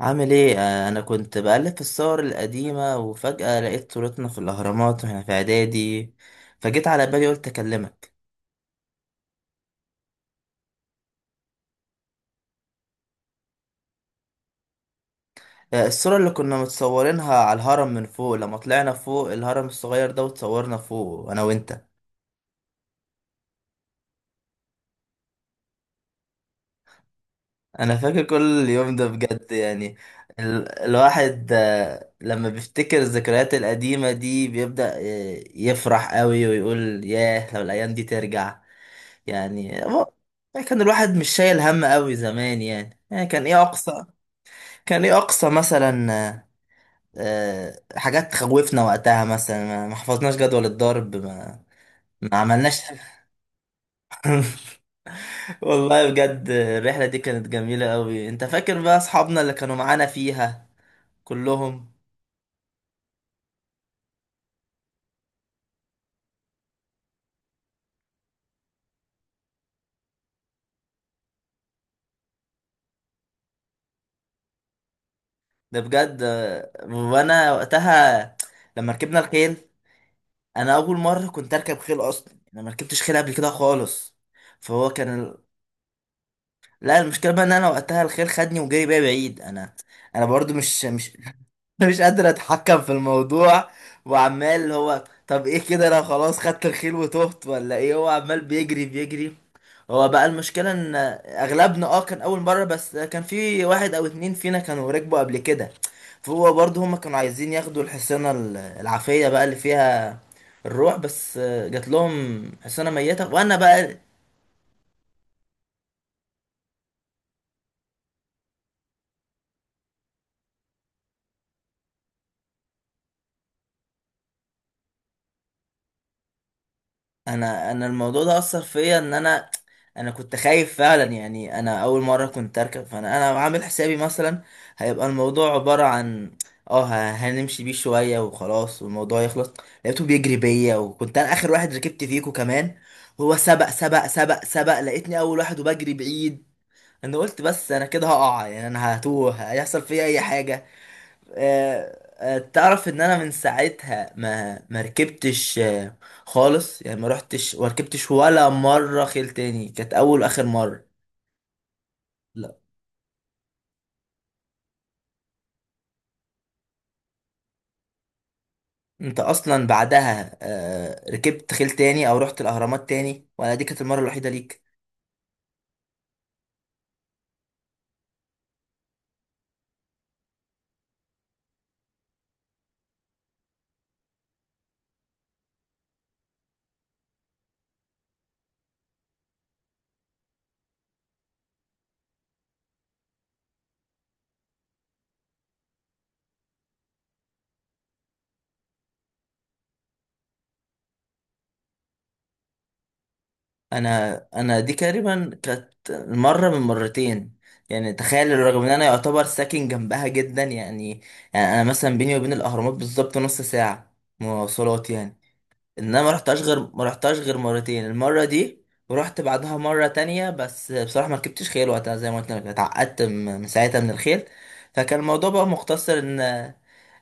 عامل ايه؟ انا كنت بقلب في الصور القديمة وفجأة لقيت صورتنا في الاهرامات واحنا في اعدادي. فجيت على بالي قلت اكلمك. الصورة اللي كنا متصورينها على الهرم من فوق لما طلعنا فوق الهرم الصغير ده وتصورنا فوق انا وانت. انا فاكر كل اليوم ده بجد يعني. الواحد لما بيفتكر الذكريات القديمة دي بيبدأ يفرح قوي ويقول ياه لو الايام دي ترجع. يعني هو- يعني كان الواحد مش شايل هم قوي زمان، يعني كان ايه اقصى، كان ايه اقصى مثلا. حاجات تخوفنا وقتها مثلا ما حفظناش جدول الضرب، ما عملناش. والله بجد الرحلة دي كانت جميلة قوي. انت فاكر بقى اصحابنا اللي كانوا معانا فيها كلهم؟ ده بجد. وانا وقتها لما ركبنا الخيل، انا اول مرة كنت اركب خيل، اصلا انا ما ركبتش خيل قبل كده خالص. فهو كان. لا، المشكله بقى ان انا وقتها الخيل خدني وجري بيا بعيد. انا برضو مش مش قادر اتحكم في الموضوع. وعمال هو، طب ايه كده، انا خلاص خدت الخيل وتهت ولا ايه، هو عمال بيجري بيجري. هو بقى المشكله ان اغلبنا كان اول مره، بس كان في واحد او اتنين فينا كانوا ركبوا قبل كده. فهو برضو هما كانوا عايزين ياخدوا الحصانه العافيه بقى اللي فيها الروح بس. جات لهم حصانه ميته وانا بقى. انا الموضوع ده اثر فيا ان انا كنت خايف فعلا، يعني انا اول مره كنت اركب، فانا عامل حسابي مثلا هيبقى الموضوع عباره عن هنمشي بيه شويه وخلاص والموضوع يخلص. لقيته بيجري بيا وكنت انا اخر واحد ركبت فيكو كمان، وهو سبق سبق سبق سبق لقيتني اول واحد وبجري بعيد. انا قلت بس انا كده هقع، يعني انا هتوه هيحصل فيا اي حاجه. تعرف ان انا من ساعتها ما ركبتش خالص، يعني ما رحتش وركبتش ولا مره خيل تاني، كانت اول واخر مره. لا، انت اصلا بعدها ركبت خيل تاني او رحت الاهرامات تاني، ولا دي كانت المره الوحيده ليك؟ انا دي تقريبا كانت مره من مرتين، يعني تخيل رغم ان انا يعتبر ساكن جنبها جدا يعني. يعني انا مثلا بيني وبين الاهرامات بالظبط نص ساعه مواصلات يعني. ان انا ما رحتهاش غير مرتين، المره دي ورحت بعدها مره تانية، بس بصراحه ما ركبتش خيل وقتها زي ما قلت لك اتعقدت من ساعتها من الخيل. فكان الموضوع بقى مختصر ان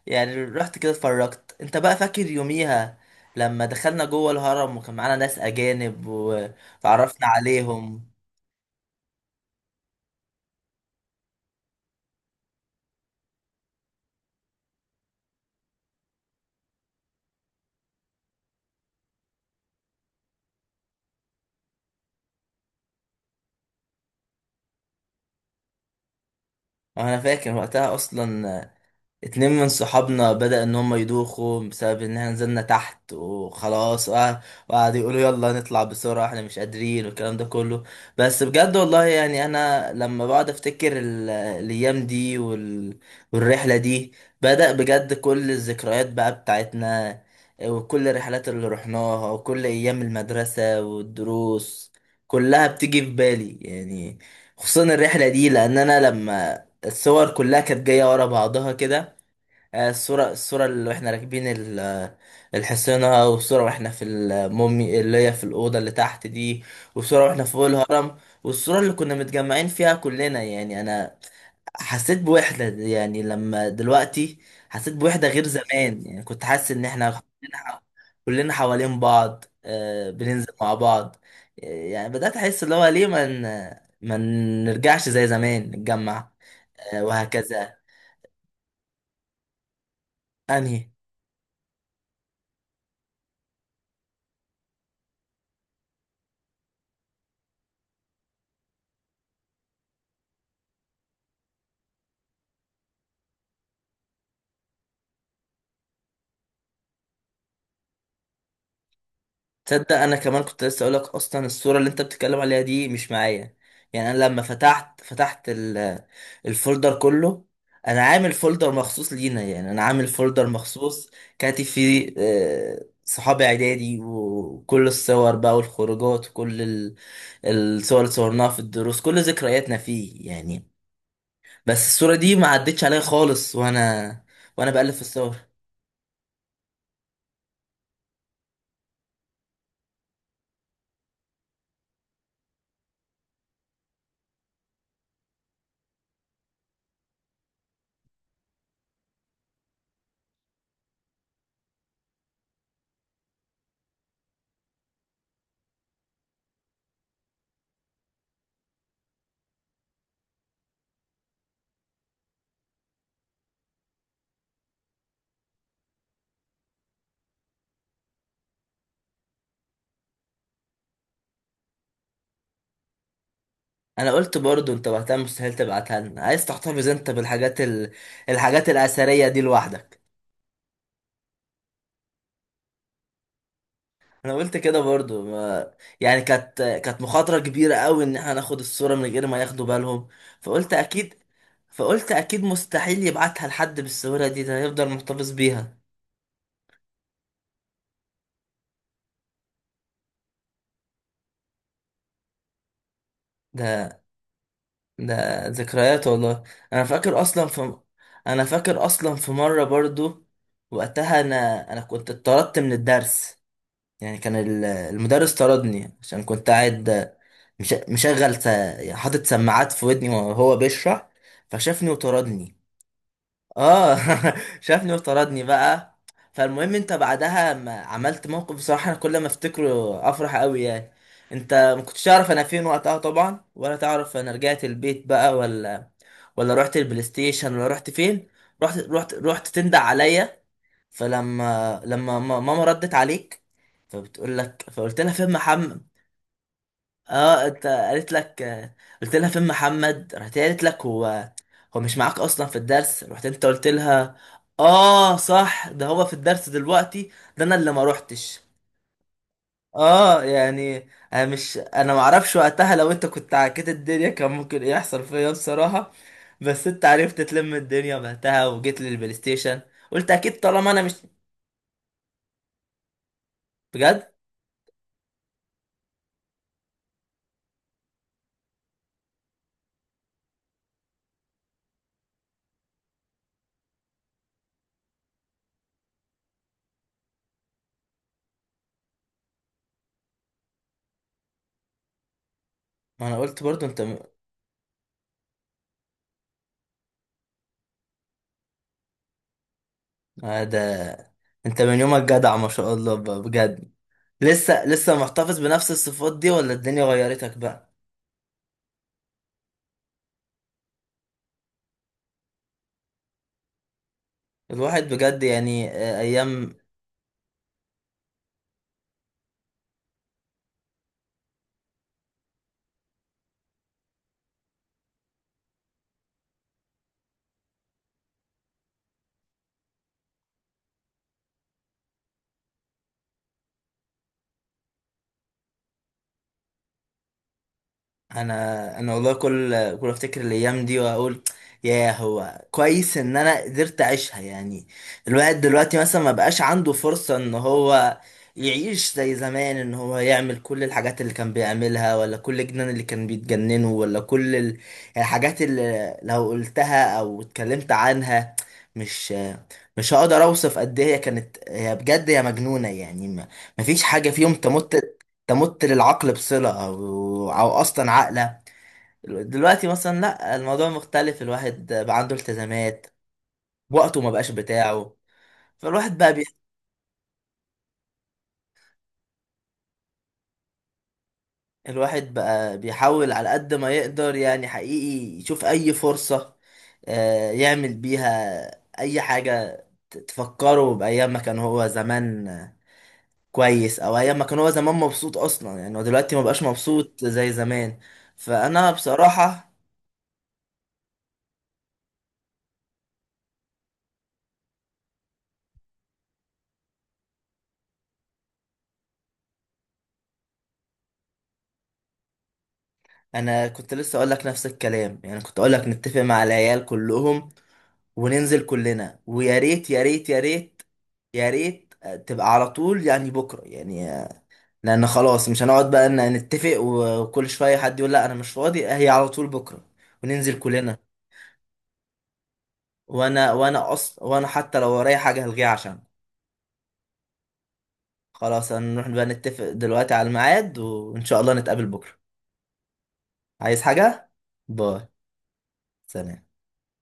يعني رحت كده اتفرجت. انت بقى فاكر يوميها لما دخلنا جوه الهرم وكان معانا ناس اجانب وتعرفنا عليهم؟ انا فاكر وقتها اصلا اتنين من صحابنا بدأ ان هم يدوخوا بسبب ان احنا نزلنا تحت وخلاص، وقعدوا يقولوا يلا نطلع بسرعة احنا مش قادرين والكلام ده كله. بس بجد والله، يعني انا لما بقعد افتكر الايام دي والرحلة دي، بدأ بجد كل الذكريات بقى بتاعتنا، وكل الرحلات اللي رحناها، وكل ايام المدرسة والدروس، كلها بتيجي في بالي يعني. خصوصا الرحلة دي، لان انا لما الصور كلها كانت جاية ورا بعضها كده، الصورة اللي واحنا راكبين الحصينة، والصورة واحنا في المومي اللي هي في الأوضة اللي تحت دي، والصورة واحنا فوق الهرم، والصورة اللي كنا متجمعين فيها كلنا، يعني أنا حسيت بوحدة يعني لما دلوقتي. حسيت بوحدة غير زمان، يعني كنت حاسس إن إحنا كلنا، كلنا حوالين بعض بننزل مع بعض. يعني بدأت أحس اللي هو ليه ما نرجعش زي زمان نتجمع، وهكذا. أنهي؟ تصدق انا كمان كنت لسه اقولك، اصلا الصوره اللي انت بتتكلم عليها دي مش معايا. يعني انا لما فتحت الفولدر كله، انا عامل فولدر مخصوص لينا، يعني انا عامل فولدر مخصوص كاتب فيه صحابي اعدادي، وكل الصور بقى والخروجات وكل الصور اللي صورناها في الدروس، كل ذكرياتنا فيه يعني. بس الصوره دي ما عدتش عليا خالص وانا بألف الصور. انا قلت برضو انت وقتها مستحيل تبعتها لنا، عايز تحتفظ انت بالحاجات الحاجات الاثريه دي لوحدك. انا قلت كده برضو ما... يعني كانت مخاطره كبيره قوي ان احنا ناخد الصوره من غير ما ياخدوا بالهم. فقلت اكيد فقلت اكيد مستحيل يبعتها لحد بالصوره دي، ده هيفضل محتفظ بيها. ده ده ذكريات والله. انا فاكر اصلا في انا فاكر اصلا في مره برضو، وقتها انا كنت اتطردت من الدرس، يعني كان المدرس طردني عشان كنت قاعد مشغل حاطط سماعات في ودني وهو بيشرح، فشافني وطردني. اه شافني وطردني بقى. فالمهم انت بعدها ما عملت موقف بصراحة، انا كل ما افتكره افرح قوي يعني. انت ما كنتش تعرف انا فين وقتها طبعا، ولا تعرف انا رجعت البيت بقى ولا رحت البلاي ستيشن، ولا رحت فين. رحت تندع عليا. فلما لما ما- ماما ردت عليك، فبتقول لك فقلت لها فين محمد. اه، انت قالت لك قلت لها فين محمد، راحت هي قالت لك هو مش معاك اصلا في الدرس، رحت انت قلت لها اه صح ده هو في الدرس دلوقتي، ده انا اللي ما روحتش. اه، يعني انا ما اعرفش وقتها لو انت كنت عكيت الدنيا كان ممكن ايه يحصل فيا بصراحة. بس انت عرفت تلم الدنيا وقتها وجيت للبلاي ستيشن. قلت اكيد طالما انا مش. بجد؟ ما انا قلت برضو انت ده انت من يومك جدع ما شاء الله، بجد. لسه محتفظ بنفس الصفات دي ولا الدنيا غيرتك بقى؟ الواحد بجد يعني ايام. انا والله كل افتكر الايام دي واقول يا هو كويس ان انا قدرت اعيشها يعني. الواحد دلوقتي مثلا ما بقاش عنده فرصة ان هو يعيش زي زمان، ان هو يعمل كل الحاجات اللي كان بيعملها، ولا كل الجنان اللي كان بيتجننه، ولا كل الحاجات اللي لو قلتها او اتكلمت عنها، مش مش هقدر اوصف قد ايه هي كانت، هي بجد هي مجنونة يعني، ما مفيش حاجة في يوم تمت للعقل بصلة، أو أصلا عاقلة. دلوقتي مثلا لأ، الموضوع مختلف، الواحد بقى عنده التزامات، وقته ما بقاش بتاعه. فالواحد بقى بي... الواحد بقى بيحاول على قد ما يقدر، يعني حقيقي يشوف أي فرصة يعمل بيها أي حاجة تفكره بأيام ما كان هو زمان كويس، أو أيام ما كان هو زمان مبسوط، أصلا يعني هو دلوقتي ما بقاش مبسوط زي زمان. فأنا بصراحة انا كنت لسه اقول لك نفس الكلام، يعني كنت اقول لك نتفق مع العيال كلهم وننزل كلنا، ويا ريت يا ريت يا ريت، يا ريت تبقى على طول يعني بكره يعني لان خلاص مش هنقعد بقى ان نتفق وكل شويه حد يقول لا انا مش فاضي، هي على طول بكره وننزل كلنا. وانا اصلا حتى لو ورايا حاجه هلغيها عشان خلاص. هنروح بقى نتفق دلوقتي على الميعاد، وان شاء الله نتقابل بكره. عايز حاجه؟ باي. سلام.